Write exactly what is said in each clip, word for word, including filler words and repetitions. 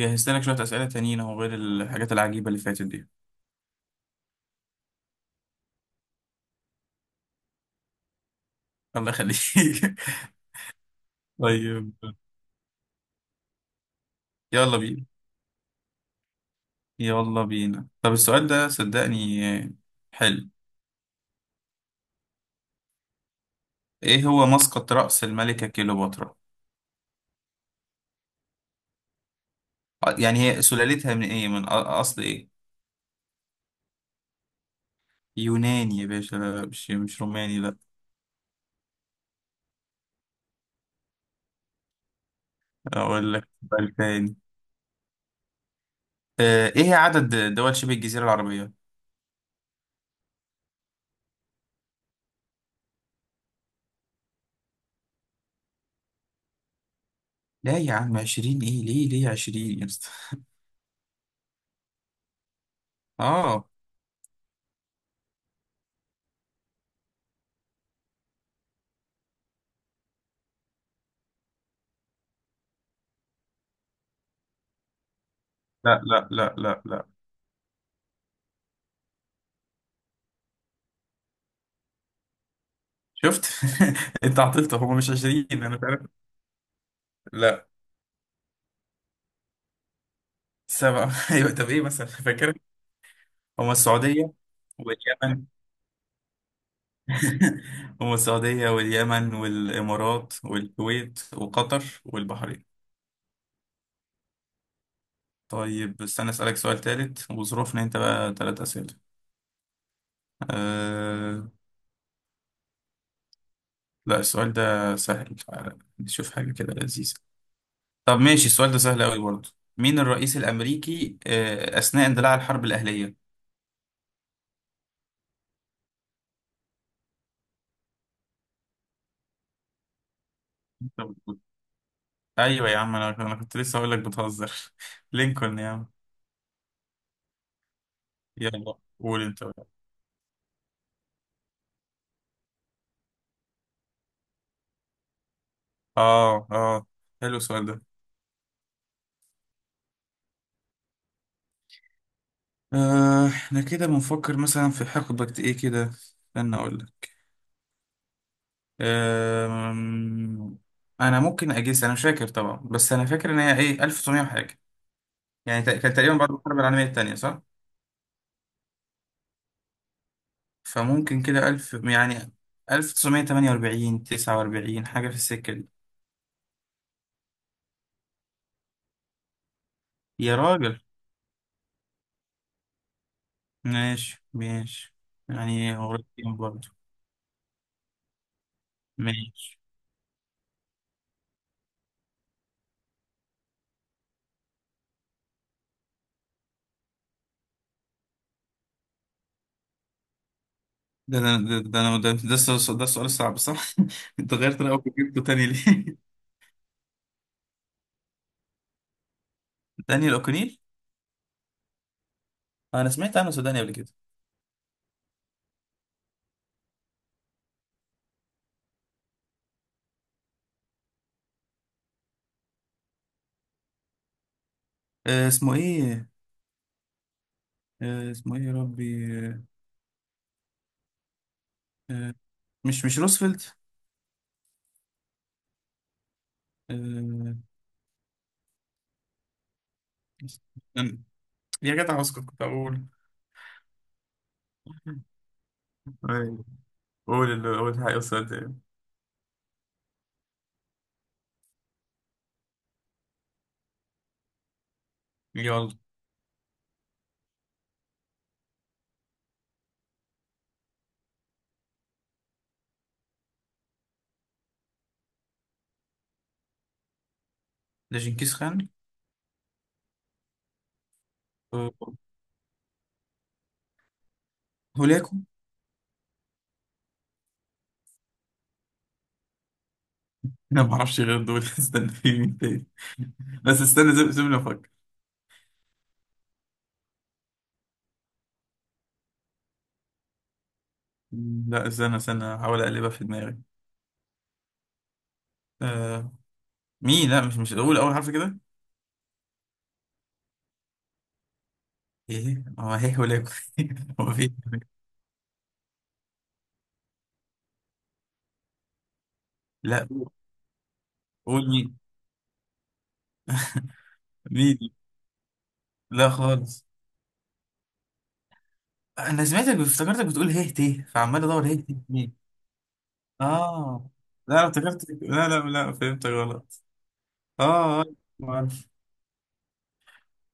جهزت لك شوية أسئلة تانيين أهو، غير الحاجات العجيبة اللي فاتت دي. الله يخليك. طيب. يلا بينا، يلا بينا. طب السؤال ده، صدقني، حلو. إيه هو مسقط رأس الملكة كليوباترا؟ آه، يعني هي سلالتها من إيه؟ من أ- أصل إيه؟ يوناني يا باشا، لا مش مش روماني، لا. أقول لك سؤال تاني. آه، إيه عدد دول شبه الجزيرة العربية؟ لا يا عم، عشرين إيه؟ ليه ليه عشرين يا اسطى؟ آه لا لا لا لا لا. شفت؟ انت عطلت، هم مش عشرين، انا مش عارف. لا، سبعة. ايوه، طب ايه مثلا؟ فاكر؟ هم السعودية واليمن. هم السعودية واليمن والامارات والكويت وقطر والبحرين. طيب استنى اسألك سؤال ثالث، وظروفنا انت بقى ثلاث اسئلة. أه... لا، السؤال ده سهل، تعالى نشوف حاجة كده لذيذة. طب ماشي، السؤال ده سهل قوي برضه. مين الرئيس الامريكي آه، اثناء اندلاع الحرب الاهلية؟ ايوه يا عم، انا انا كنت لسه هقول لك، بتهزر. لينكولن يا عم. يلا قول انت بقى. اه اه حلو السؤال ده. آه احنا كده بنفكر مثلا في حقبة ايه كده، استنى اقول لك. آه انا ممكن اجيس، انا مش فاكر طبعا، بس انا فاكر ان هي ايه ألف وتسعمية وحاجه. يعني تق- كان تقريبا بعد الحرب العالميه الثانيه، صح؟ فممكن كده ألف يعني، تمانية وأربعين تسعة وأربعين حاجه في السكه دي. يا راجل. ماشي ماشي. يعني قريب برضه. ماشي. ده ده ده ده أنا- ده, ده, السؤال- ده السؤال الصعب، صح؟ أنت غيرت رأيك وجبته تاني ليه؟ دانيال أوكونيل؟ آه، أنا سمعت عنه سوداني قبل كده. آه اسمه إيه؟ آه اسمه إيه يا ربي؟ آه آه، مش مش روزفلت؟ آه أنا- يا جدع اسكت، كنت أقول. أيوة. قول اللي قول حاجة أستاذ يعني. يلا. ده جنكيز خان. آه، هولاكو. أنا ما أعرفش غير دول. استنى، في مين تاني؟ بس استنى، سيب- سيبني أفكر. لا، استنى استنى، أحاول أقلبها في دماغي. آه، مي، لا، مش مش قول اول حرف كده. ايه هو، هيه ولا يكون هو في. لا. قول مي. مي دي. لا خالص. انا سمعتك افتكرتك بتقول هيه تيه، فعمال ادور هيه تيه مين. اه لا، أنا افتكرت، لا لا لا، فهمت غلط. اه آه، ما اعرف.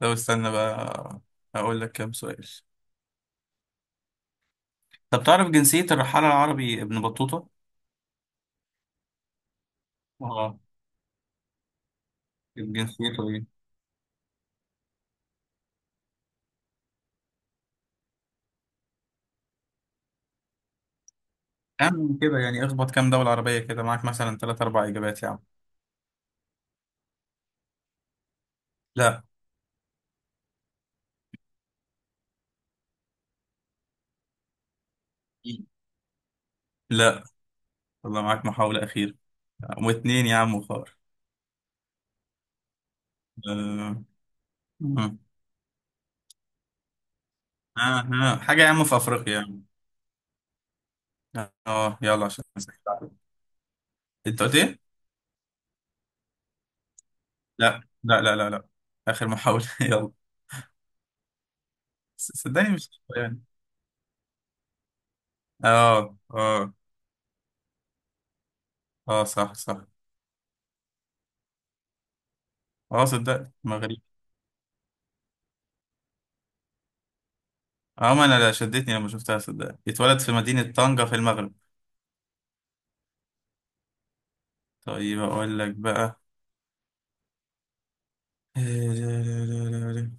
طب استنى بقى، هقول لك كام سؤال. طب تعرف جنسية الرحالة العربي ابن بطوطة؟ اه كانت جنسيته ايه؟ أعمل كده يعني، اخبط كام دولة عربية كده معاك، مثلا ثلاث أربع إجابات يا عم. لا. لا، والله معاك محاولة أخيرة. واتنين يا عم خار. آه. آه. آه. حاجة يا عم في أفريقيا يا عم. اه يلا عشان أسهل عليك. انت قلت ايه؟ لا لا لا لا لا. آخر محاولة. يلا. ص- صدقني، مش يعني. اه اه اه صح صح. اه صدقت، مغرب. اه ما انا لا شدتني لما شفتها، صدق. اتولد في مدينة طنجة في المغرب. طيب اقول لك بقى. آه،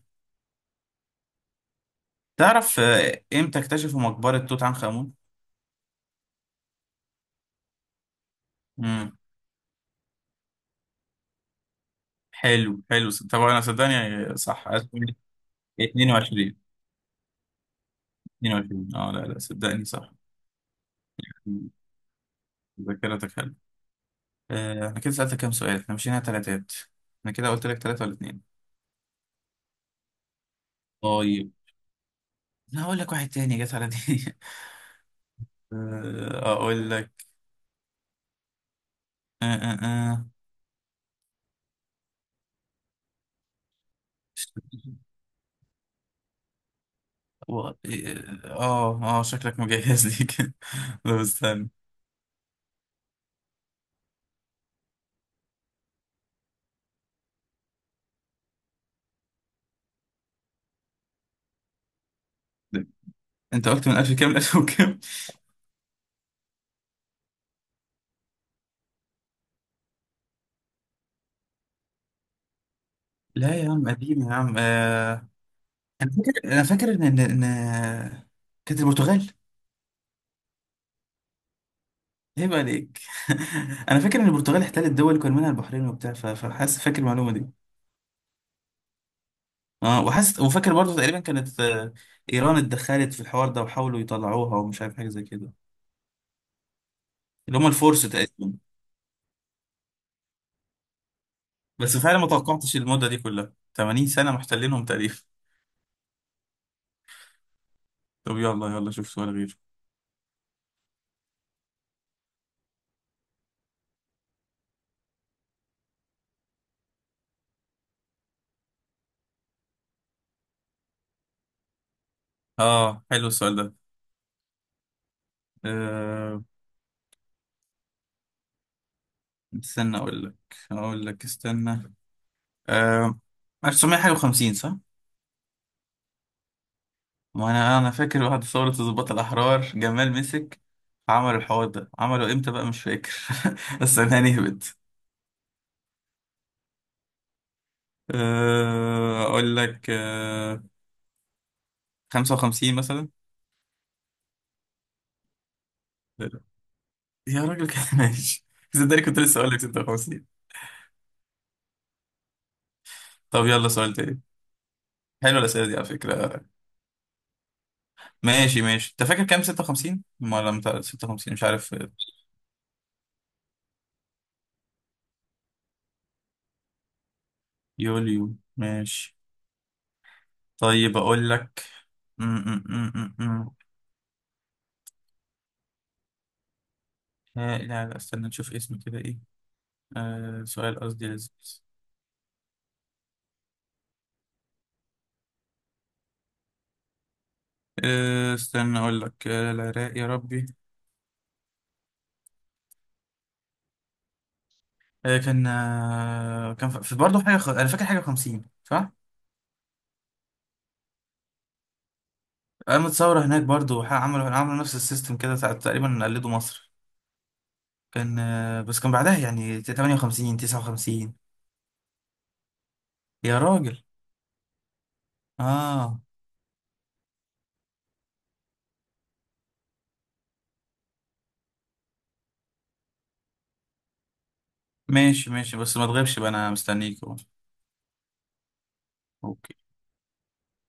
تعرف آه، امتى اكتشفوا مقبرة توت عنخ آمون؟ امم حلو حلو، طبعا انا صدقني صح. اتنين وعشرين اتنين وعشرين، اه لا لا، صدقني صح. ذاكرتك حلوة. آه، احنا كده سألتك كام سؤال، احنا مشينا تلاتات. انا كده قلت لك تلاتة ولا اتنين؟ طيب انا هقول لك واحد تاني جت على دي. آه، اقول لك. اه اه اه و- اه آه، آه، شكلك مجهز لي كده. طب استنى، انت قلت من ألف كام ل ألف وكام؟ لا يا عم، قديم يا عم. آه، انا فاكر انا فاكر ان ان إن- كانت البرتغال. عيب عليك. انا فاكر ان البرتغال احتلت دول كان منها البحرين وبتاع. ف- فحاسس فاكر المعلومه دي. اه وحاسس وفاكر برضه تقريبا كانت آه، ايران اتدخلت في الحوار ده، وحاولوا يطلعوها، ومش عارف حاجه زي كده. اللي هم الفرس تقريبا. بس فعلا ما توقعتش المده دي كلها تمانين سنه محتلينهم تقريبا. طب يلا، يلا شوف سؤال غيره. اه حلو السؤال ده. أه استنى، اقول لك اقول لك استنى. أه ألف وتسعمية وخمسين، صح؟ ما انا انا فاكر بعد ثورة الضباط الاحرار، جمال مسك عمل الحوار ده، عمله امتى بقى مش فاكر. بس انا نهبت. أه، اقول لك أه، خمسة وخمسين مثلا. يا راجل كده. ماشي. صدقني كنت لسه اقول لك ستة وخمسين. طب يلا سؤال تاني. حلوه الاسئله دي على فكره. ماشي ماشي، انت فاكر كام؟ ستة وخمسين. ما لم تعرف ستة وخمسين، مش عارف. يوليو ماشي. طيب اقول لك. م- م- م- م- م. ها- لا لا، استنى نشوف اسمه كده ايه. آه سؤال قصدي لذيذ. آه استنى أقول لك. آه العراق يا ربي. آه كان آه كان ف- في برضه حاجة خ... أنا فاكر حاجة خمسين، صح؟ قامت ثورة هناك برضه، وح- عملوا عملوا نفس السيستم كده، تع- تقريبا قلدوا مصر. كان آه بس كان بعدها يعني تمانية وخمسين تسعة وخمسين. يا راجل. آه ماشي ماشي. بس ما تغيبش بقى، أنا مستنيك أهو. أوكي.